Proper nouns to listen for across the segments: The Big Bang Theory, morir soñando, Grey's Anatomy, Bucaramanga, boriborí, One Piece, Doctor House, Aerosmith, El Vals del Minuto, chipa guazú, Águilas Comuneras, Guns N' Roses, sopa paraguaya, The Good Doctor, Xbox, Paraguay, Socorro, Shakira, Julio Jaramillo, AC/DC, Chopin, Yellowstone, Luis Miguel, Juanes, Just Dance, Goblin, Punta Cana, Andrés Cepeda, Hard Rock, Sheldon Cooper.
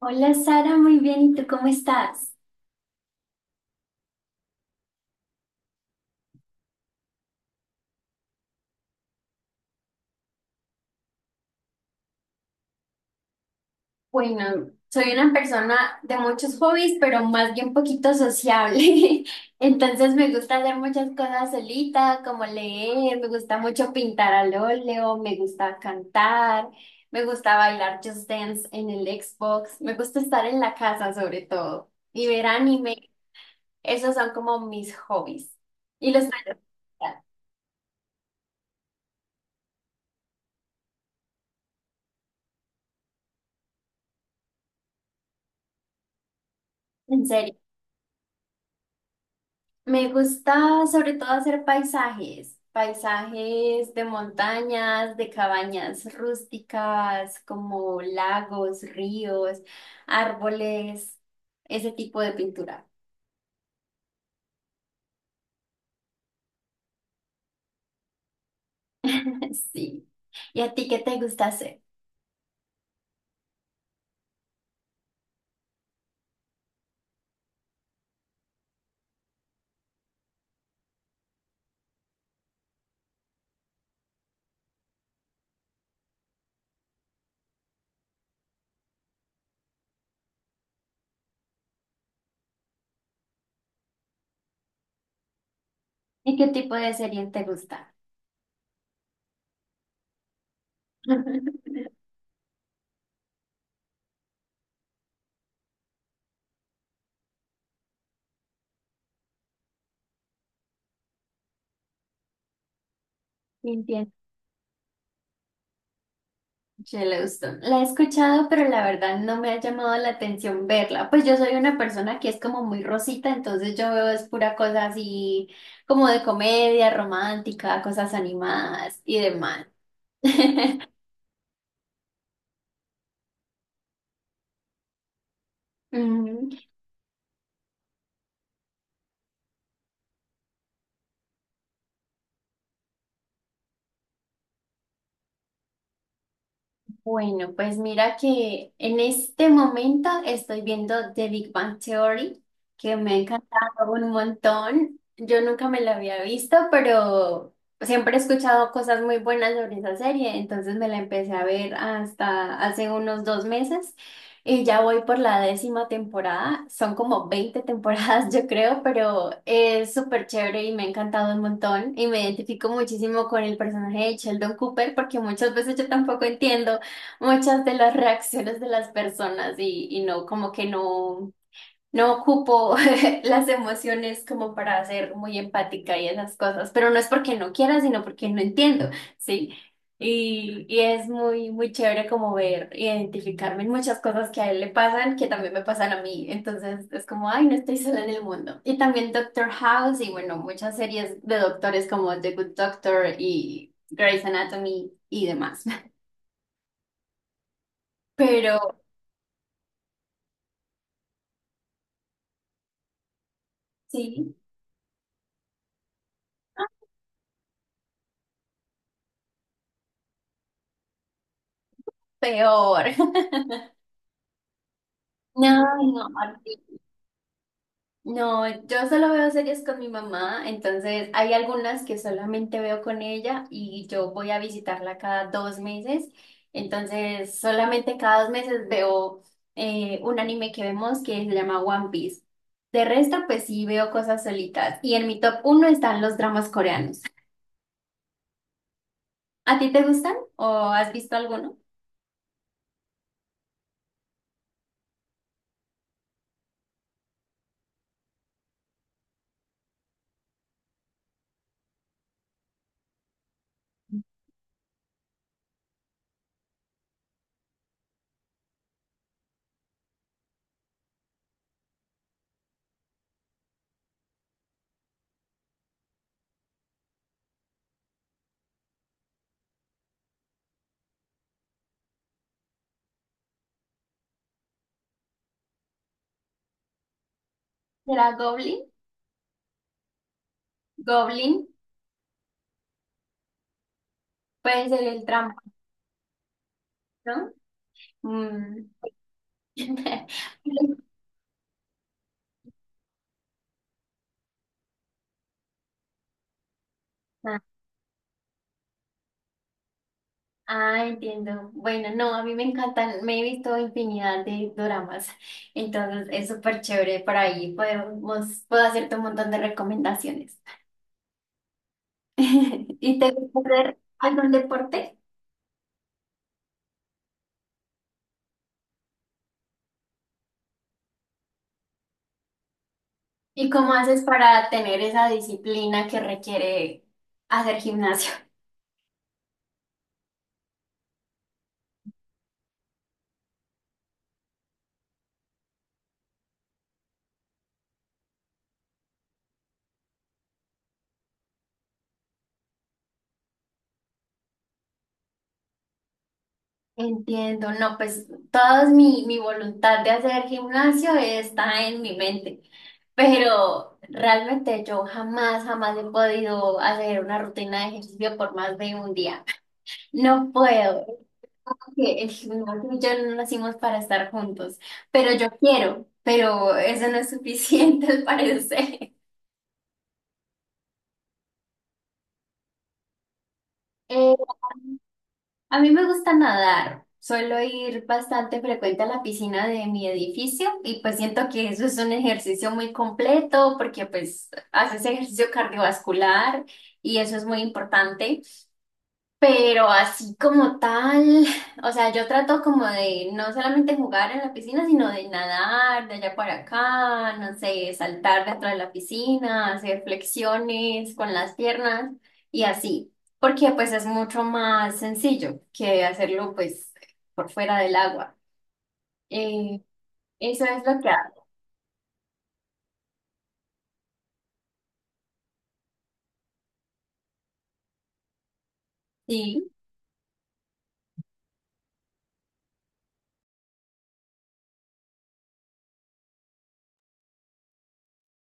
Hola Sara, muy bien. ¿Y tú cómo estás? Bueno, soy una persona de muchos hobbies, pero más bien poquito sociable. Entonces me gusta hacer muchas cosas solita, como leer, me gusta mucho pintar al óleo, me gusta cantar, me gusta bailar Just Dance en el Xbox, me gusta estar en la casa sobre todo y ver anime. Esos son como mis hobbies. ¿Y los tuyos? ¿En serio? Me gusta sobre todo hacer paisajes, paisajes de montañas, de cabañas rústicas, como lagos, ríos, árboles, ese tipo de pintura. Sí. ¿Y a ti qué te gusta hacer? ¿Y qué tipo de serie te gusta? Entiendo. Yellowstone. La he escuchado, pero la verdad no me ha llamado la atención verla. Pues yo soy una persona que es como muy rosita, entonces yo veo es pura cosa así como de comedia romántica, cosas animadas y demás. Ujú. Bueno, pues mira que en este momento estoy viendo The Big Bang Theory, que me ha encantado un montón. Yo nunca me la había visto, pero siempre he escuchado cosas muy buenas sobre esa serie, entonces me la empecé a ver hasta hace unos dos meses y ya voy por la décima temporada. Son como 20 temporadas, yo creo, pero es súper chévere y me ha encantado un montón y me identifico muchísimo con el personaje de Sheldon Cooper porque muchas veces yo tampoco entiendo muchas de las reacciones de las personas y no, como que no, no ocupo las emociones como para ser muy empática y esas cosas, pero no es porque no quiera, sino porque no entiendo, ¿sí? Y es muy, muy chévere como ver, identificarme en muchas cosas que a él le pasan, que también me pasan a mí. Entonces es como, ay, no estoy sola en el mundo. Y también Doctor House y bueno, muchas series de doctores como The Good Doctor y Grey's Anatomy y demás. Pero sí. Peor. No, no, Martín. No, yo solo veo series con mi mamá, entonces hay algunas que solamente veo con ella y yo voy a visitarla cada dos meses, entonces solamente cada dos meses veo un anime que vemos que se llama One Piece. De resto, pues sí veo cosas solitas y en mi top uno están los dramas coreanos. ¿A ti te gustan o has visto alguno? ¿Será Goblin? Goblin puede ser el trampa, ¿no? Mm. Ah, ah, entiendo. Bueno, no, a mí me encantan, me he visto infinidad de doramas, entonces es súper chévere por ahí, puedo hacerte un montón de recomendaciones. ¿Y te gusta hacer algún deporte? ¿Y cómo haces para tener esa disciplina que requiere hacer gimnasio? Entiendo, no, pues toda mi voluntad de hacer gimnasio está en mi mente, pero realmente yo jamás, jamás he podido hacer una rutina de ejercicio por más de un día. No puedo. Es que el gimnasio y yo no nacimos para estar juntos, pero yo quiero, pero eso no es suficiente al parecer. Eh, A mí me gusta nadar. Suelo ir bastante frecuente a la piscina de mi edificio y pues siento que eso es un ejercicio muy completo porque pues haces ejercicio cardiovascular y eso es muy importante. Pero así como tal, o sea, yo trato como de no solamente jugar en la piscina, sino de nadar de allá para acá, no sé, saltar dentro de la piscina, hacer flexiones con las piernas y así, porque pues es mucho más sencillo que hacerlo pues por fuera del agua. Eh, eso es lo que hago. Sí.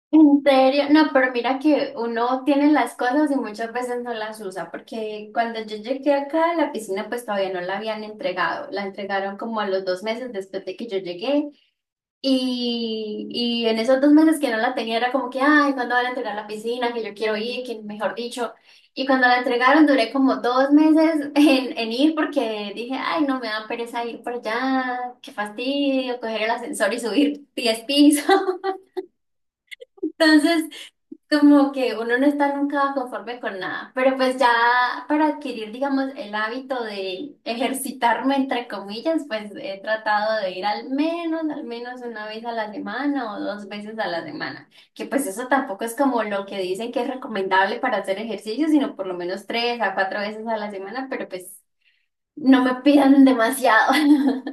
En serio, no, pero mira que uno tiene las cosas y muchas veces no las usa, porque cuando yo llegué acá a la piscina, pues todavía no la habían entregado, la entregaron como a los dos meses después de que yo llegué, y en esos dos meses que no la tenía era como que, ay, ¿cuándo van a entregar la piscina? Que yo quiero ir, que mejor dicho, y cuando la entregaron duré como dos meses en ir porque dije, ay, no me da pereza ir por allá, qué fastidio, coger el ascensor y subir 10 pisos. Entonces como que uno no está nunca conforme con nada, pero pues ya para adquirir, digamos, el hábito de ejercitarme, entre comillas, pues he tratado de ir al menos una vez a la semana o dos veces a la semana, que pues eso tampoco es como lo que dicen que es recomendable para hacer ejercicio, sino por lo menos tres a cuatro veces a la semana, pero pues no me pidan demasiado.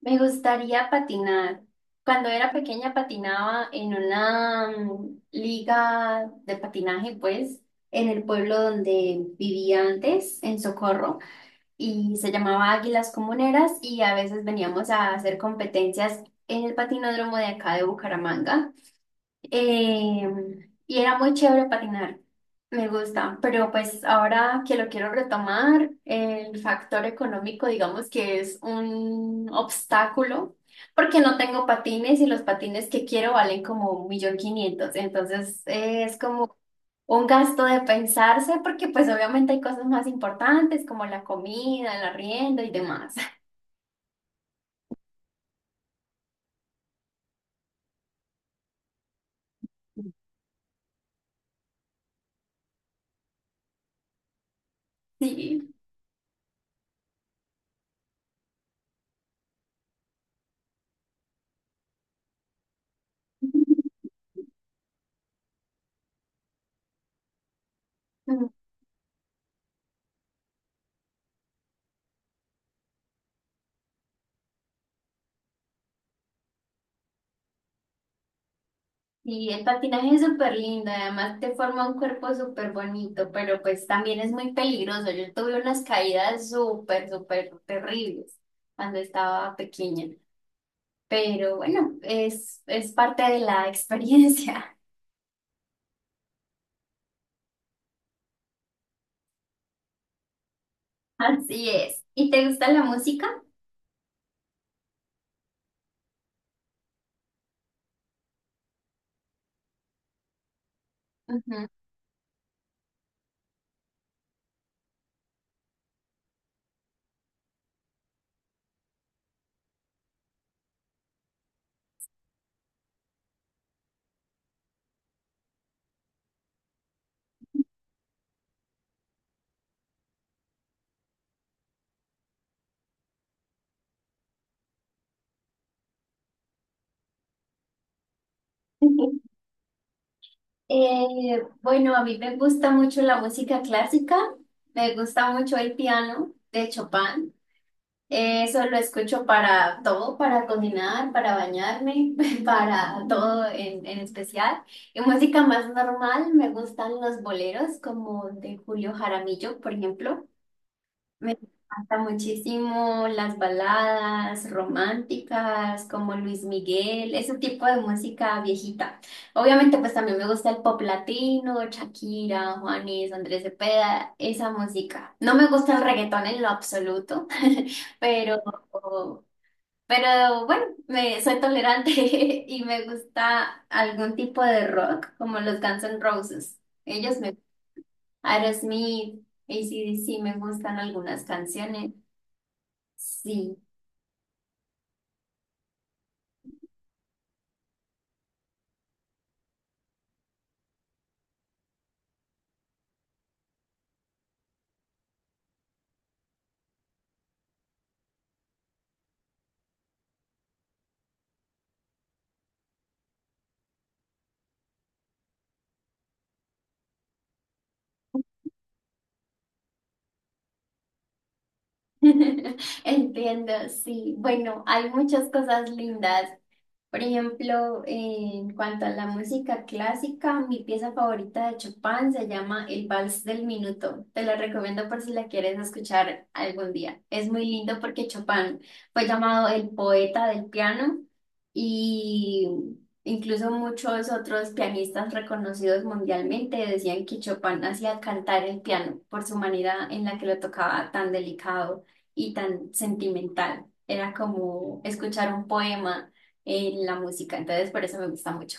Me gustaría patinar. Cuando era pequeña patinaba en una liga de patinaje, pues, en el pueblo donde vivía antes, en Socorro, y se llamaba Águilas Comuneras y a veces veníamos a hacer competencias en el patinódromo de acá de Bucaramanga. Y era muy chévere patinar, me gusta, pero pues ahora que lo quiero retomar, el factor económico digamos que es un obstáculo porque no tengo patines y los patines que quiero valen como un millón quinientos, entonces es como un gasto de pensarse porque pues obviamente hay cosas más importantes como la comida, el arriendo y demás. Sí. Y el patinaje es súper lindo, además te forma un cuerpo súper bonito, pero pues también es muy peligroso. Yo tuve unas caídas súper, súper terribles cuando estaba pequeña, pero bueno, es parte de la experiencia. Así es. ¿Y te gusta la música? Ujú. Bueno, a mí me gusta mucho la música clásica, me gusta mucho el piano de Chopin. Eso lo escucho para todo, para cocinar, para bañarme, para todo en especial. Y música más normal, me gustan los boleros como de Julio Jaramillo, por ejemplo. Me encanta muchísimo las baladas románticas como Luis Miguel, ese tipo de música viejita. Obviamente pues también me gusta el pop latino, Shakira, Juanes, Andrés Cepeda, esa música. No me gusta el reggaetón en lo absoluto, pero, pero bueno, me, soy tolerante y me gusta algún tipo de rock como los Guns N' Roses. Ellos me... Aerosmith, AC/DC me gustan algunas canciones. Sí, entiendo, sí. Bueno, hay muchas cosas lindas. Por ejemplo, en cuanto a la música clásica, mi pieza favorita de Chopin se llama El Vals del Minuto. Te la recomiendo por si la quieres escuchar algún día. Es muy lindo porque Chopin fue llamado el poeta del piano y incluso muchos otros pianistas reconocidos mundialmente decían que Chopin hacía cantar el piano por su manera en la que lo tocaba tan delicado y tan sentimental. Era como escuchar un poema en la música, entonces por eso me gusta mucho.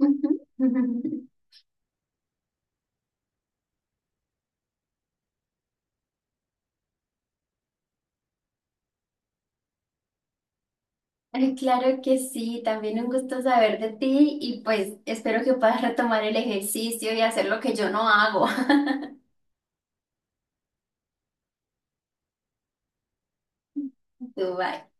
Ay, claro que sí, también un gusto saber de ti y pues espero que puedas retomar el ejercicio y hacer lo que yo no hago. Tú, bye.